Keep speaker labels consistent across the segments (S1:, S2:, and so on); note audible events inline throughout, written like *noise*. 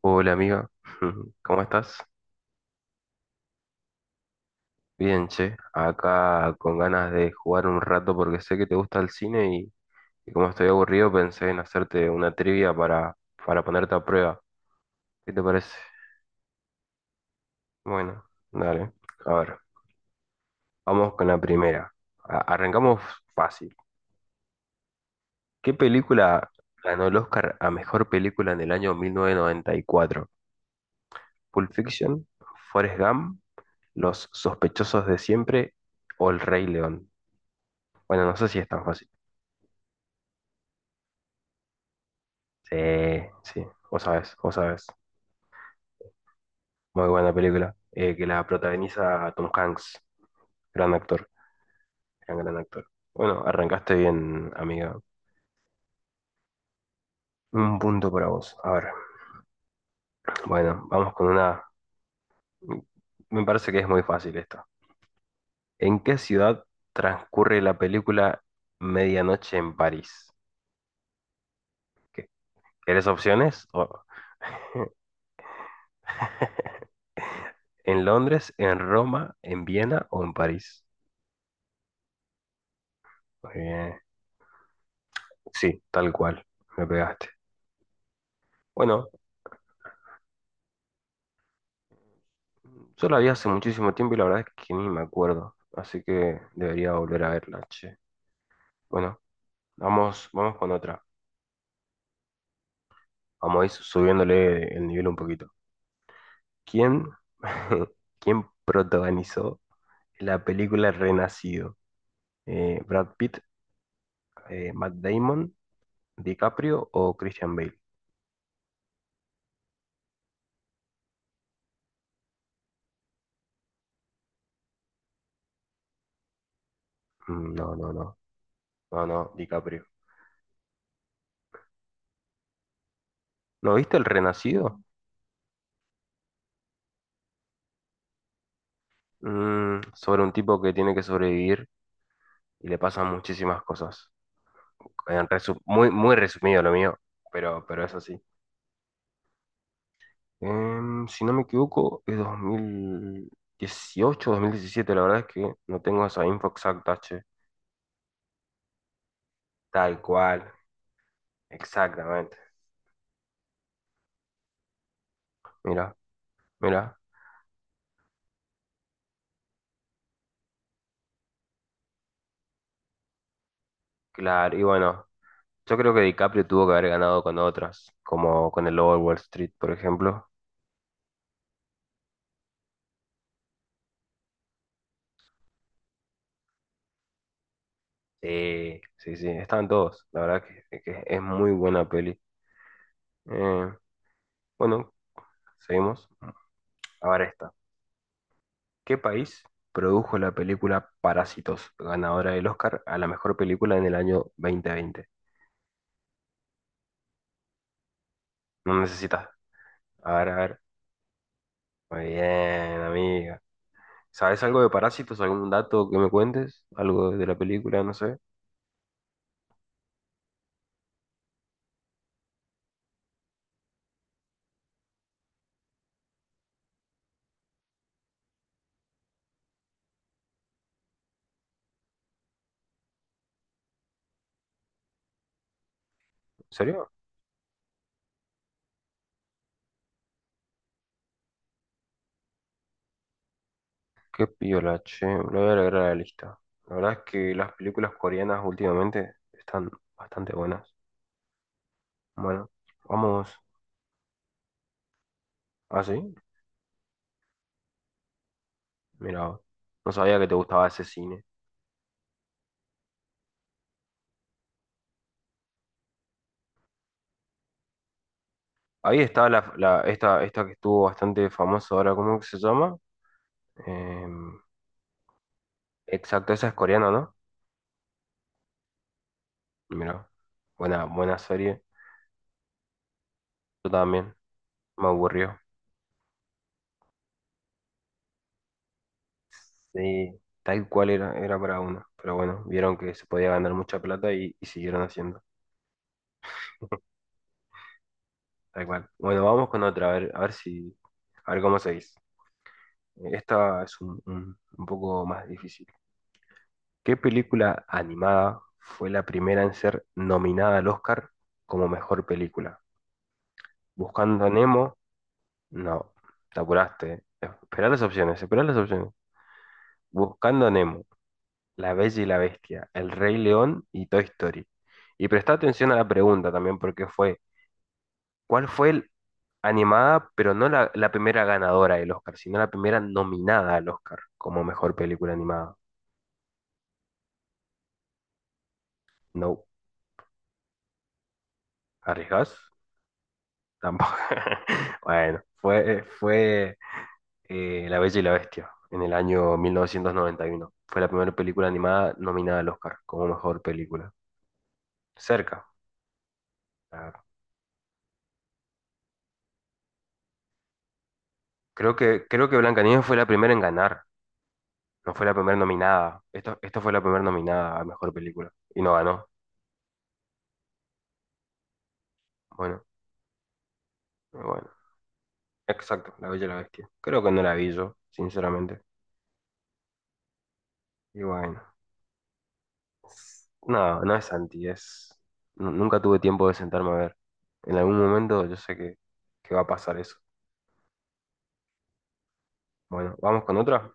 S1: Hola amiga, *laughs* ¿cómo estás? Bien, che, acá con ganas de jugar un rato porque sé que te gusta el cine y como estoy aburrido pensé en hacerte una trivia para ponerte a prueba. ¿Qué te parece? Bueno, dale. A ver, vamos con la primera. Arrancamos fácil. ¿Qué película ganó el Oscar a mejor película en el año 1994? ¿Pulp Fiction? ¿Forrest Gump? ¿Los sospechosos de siempre? ¿O El Rey León? Bueno, no sé si es tan fácil. Sí, sí, vos sabés, vos sabés. Muy buena película. Que la protagoniza Tom Hanks, gran actor, gran actor. Bueno, arrancaste bien, amiga. Un punto para vos. A ver, bueno, vamos con una... Me parece que es muy fácil esta. ¿En qué ciudad transcurre la película Medianoche en París? ¿Qué? ¿Querés opciones? *laughs* ¿En Londres, en Roma, en Viena o en París? Muy bien. Sí, tal cual. Me pegaste. Bueno, yo la vi hace muchísimo tiempo y la verdad es que ni me acuerdo, así que debería volver a verla, che. Bueno, vamos con otra. Vamos a ir subiéndole el nivel un poquito. ¿Quién, *laughs* quién protagonizó la película Renacido? ¿Brad Pitt, Matt Damon, DiCaprio o Christian Bale? No, no, no, no, DiCaprio. ¿No viste el Renacido? Sobre un tipo que tiene que sobrevivir y le pasan muchísimas cosas. Muy, muy resumido lo mío, pero es así. Si no me equivoco, es 2018, 2017, la verdad es que no tengo esa info exacta, che. Tal cual, exactamente. Mira, mira, claro, y bueno, yo creo que DiCaprio tuvo que haber ganado con otras, como con el Lobo de Wall Street, por ejemplo. Sí, sí, sí, estaban todos, la verdad que es muy buena peli. Eh, bueno, seguimos. Ahora esta. ¿Qué país produjo la película Parásitos, ganadora del Oscar a la mejor película en el año 2020? No necesitas. A ver, a ver. Muy bien, amiga. ¿Sabes algo de Parásitos? ¿Algún dato que me cuentes? ¿Algo de la película? No sé. ¿En serio? Qué piola, che. Lo voy a agregar a la lista. La verdad es que las películas coreanas últimamente están bastante buenas. Bueno, vamos. ¿Ah, sí? Mira, no sabía que te gustaba ese cine. Ahí está esta, esta que estuvo bastante famosa ahora, ¿cómo que se llama? Em, exacto, esa es coreana, ¿no? Mira, buena, buena serie. Yo también, me aburrió. Sí, tal cual era, era para uno. Pero bueno, vieron que se podía ganar mucha plata y siguieron haciendo. Tal cual. Bueno, vamos con otra, a ver si, a ver cómo seguís. Esta es un poco más difícil. ¿Qué película animada fue la primera en ser nominada al Oscar como mejor película? Buscando a Nemo, no, te apuraste. Esperá las opciones, esperá las opciones. Buscando a Nemo, La Bella y la Bestia, El Rey León y Toy Story. Y prestá atención a la pregunta también, porque fue, ¿cuál fue el- animada, pero no la primera ganadora del Oscar, sino la primera nominada al Oscar como mejor película animada? No, ¿arriesgás? Tampoco. *laughs* Bueno, fue La Bella y la Bestia, en el año 1991. Fue la primera película animada nominada al Oscar como mejor película. Cerca. Ah, creo que Blancanieves fue la primera en ganar. No fue la primera nominada. Esto fue la primera nominada a mejor película. Y no ganó. Bueno, bueno. Exacto, La Bella y la Bestia. Creo que no la vi yo, sinceramente. Y bueno. No, no es anti, es. Nunca tuve tiempo de sentarme a ver. En algún momento yo sé que va a pasar eso. Bueno, ¿vamos con otra?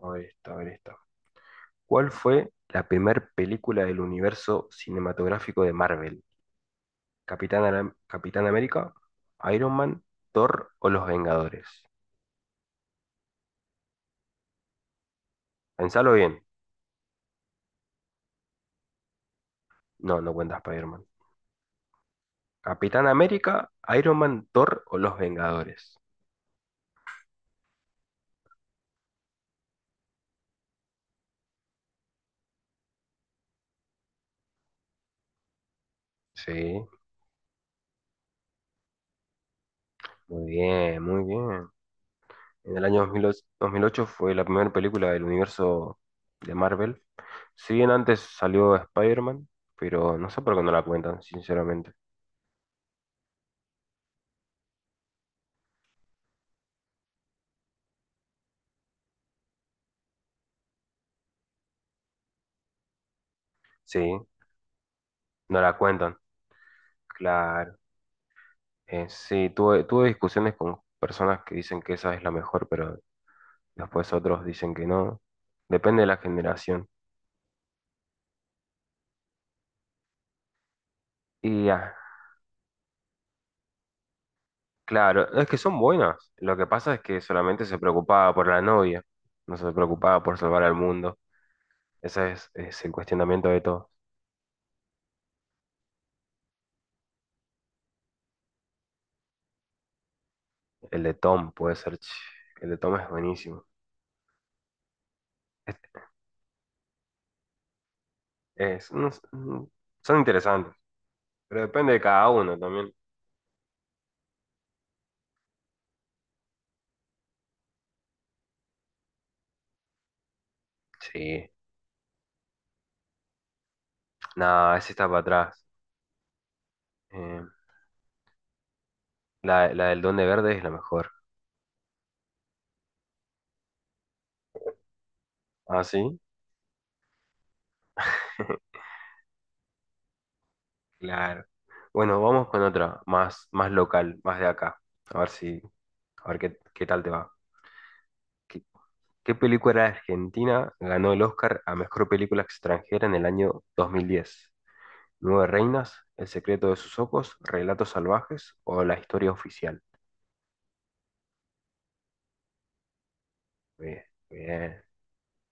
S1: A ver esta, a ver esta. ¿Cuál fue la primer película del universo cinematográfico de Marvel? ¿Capitán América, Iron Man, Thor o Los Vengadores? Pensalo bien. No, no cuenta Spider-Man. ¿Capitán América, Iron Man, Thor o Los Vengadores? Sí, muy bien, muy bien. En el año 2008, 2008 fue la primera película del universo de Marvel. Si bien antes salió Spider-Man, pero no sé por qué no la cuentan, sinceramente. Sí, no la cuentan. Claro, sí, tuve discusiones con personas que dicen que esa es la mejor, pero después otros dicen que no. Depende de la generación. Y ya, claro, es que son buenas. Lo que pasa es que solamente se preocupaba por la novia, no se preocupaba por salvar al mundo. Es el cuestionamiento de todo. El de Tom puede ser, ch, el de Tom es buenísimo. Es, es- no s- mm, Son interesantes, pero depende de cada uno también. Sí, nada, ese está para atrás. Eh, La, la del Duende Verde es la mejor. ¿Ah, sí? *laughs* Claro. Bueno, vamos con otra, más, más local, más de acá. A ver si, a ver qué, qué tal te va. ¿Qué, ¿Qué película argentina ganó el Oscar a mejor película extranjera en el año 2010? ¿Nueve reinas? ¿El secreto de sus ojos? ¿Relatos salvajes? ¿O la historia oficial? Bien, bien.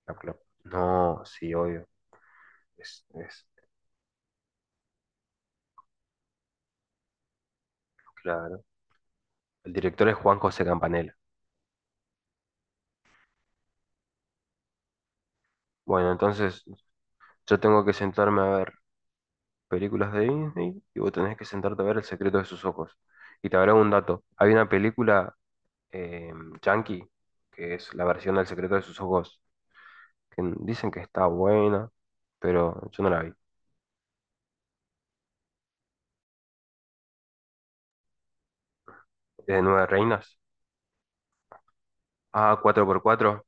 S1: La pro- No, sí, obvio. Es, es, claro. El director es Juan José Campanella. Bueno, entonces yo tengo que sentarme a ver películas de Disney y vos tenés que sentarte a ver El secreto de sus ojos. Y te habrá un dato. Hay una película eh, Yankee, que es la versión del secreto de sus ojos, que dicen que está buena, pero yo no la vi. ¿Es de Nueve Reinas? Ah, cuatro por cuatro,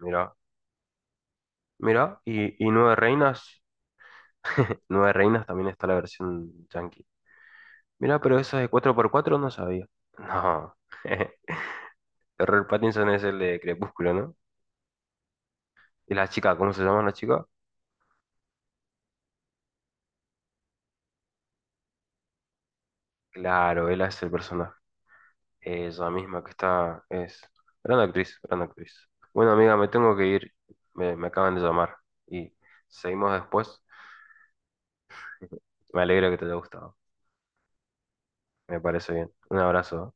S1: mira, mira. Y Nueve Reinas, Nueve Reinas también está la versión Yankee. Mira, pero esa de cuatro por cuatro no sabía. No. *laughs* Robert Pattinson es el de Crepúsculo, ¿no? ¿Y la chica? ¿Cómo se llama la chica? Claro, ella es el personaje. Ella misma que está, es gran actriz, gran actriz. Bueno, amiga, me tengo que ir. Me acaban de llamar. Y seguimos después. Me alegra que te haya gustado. Me parece bien. Un abrazo.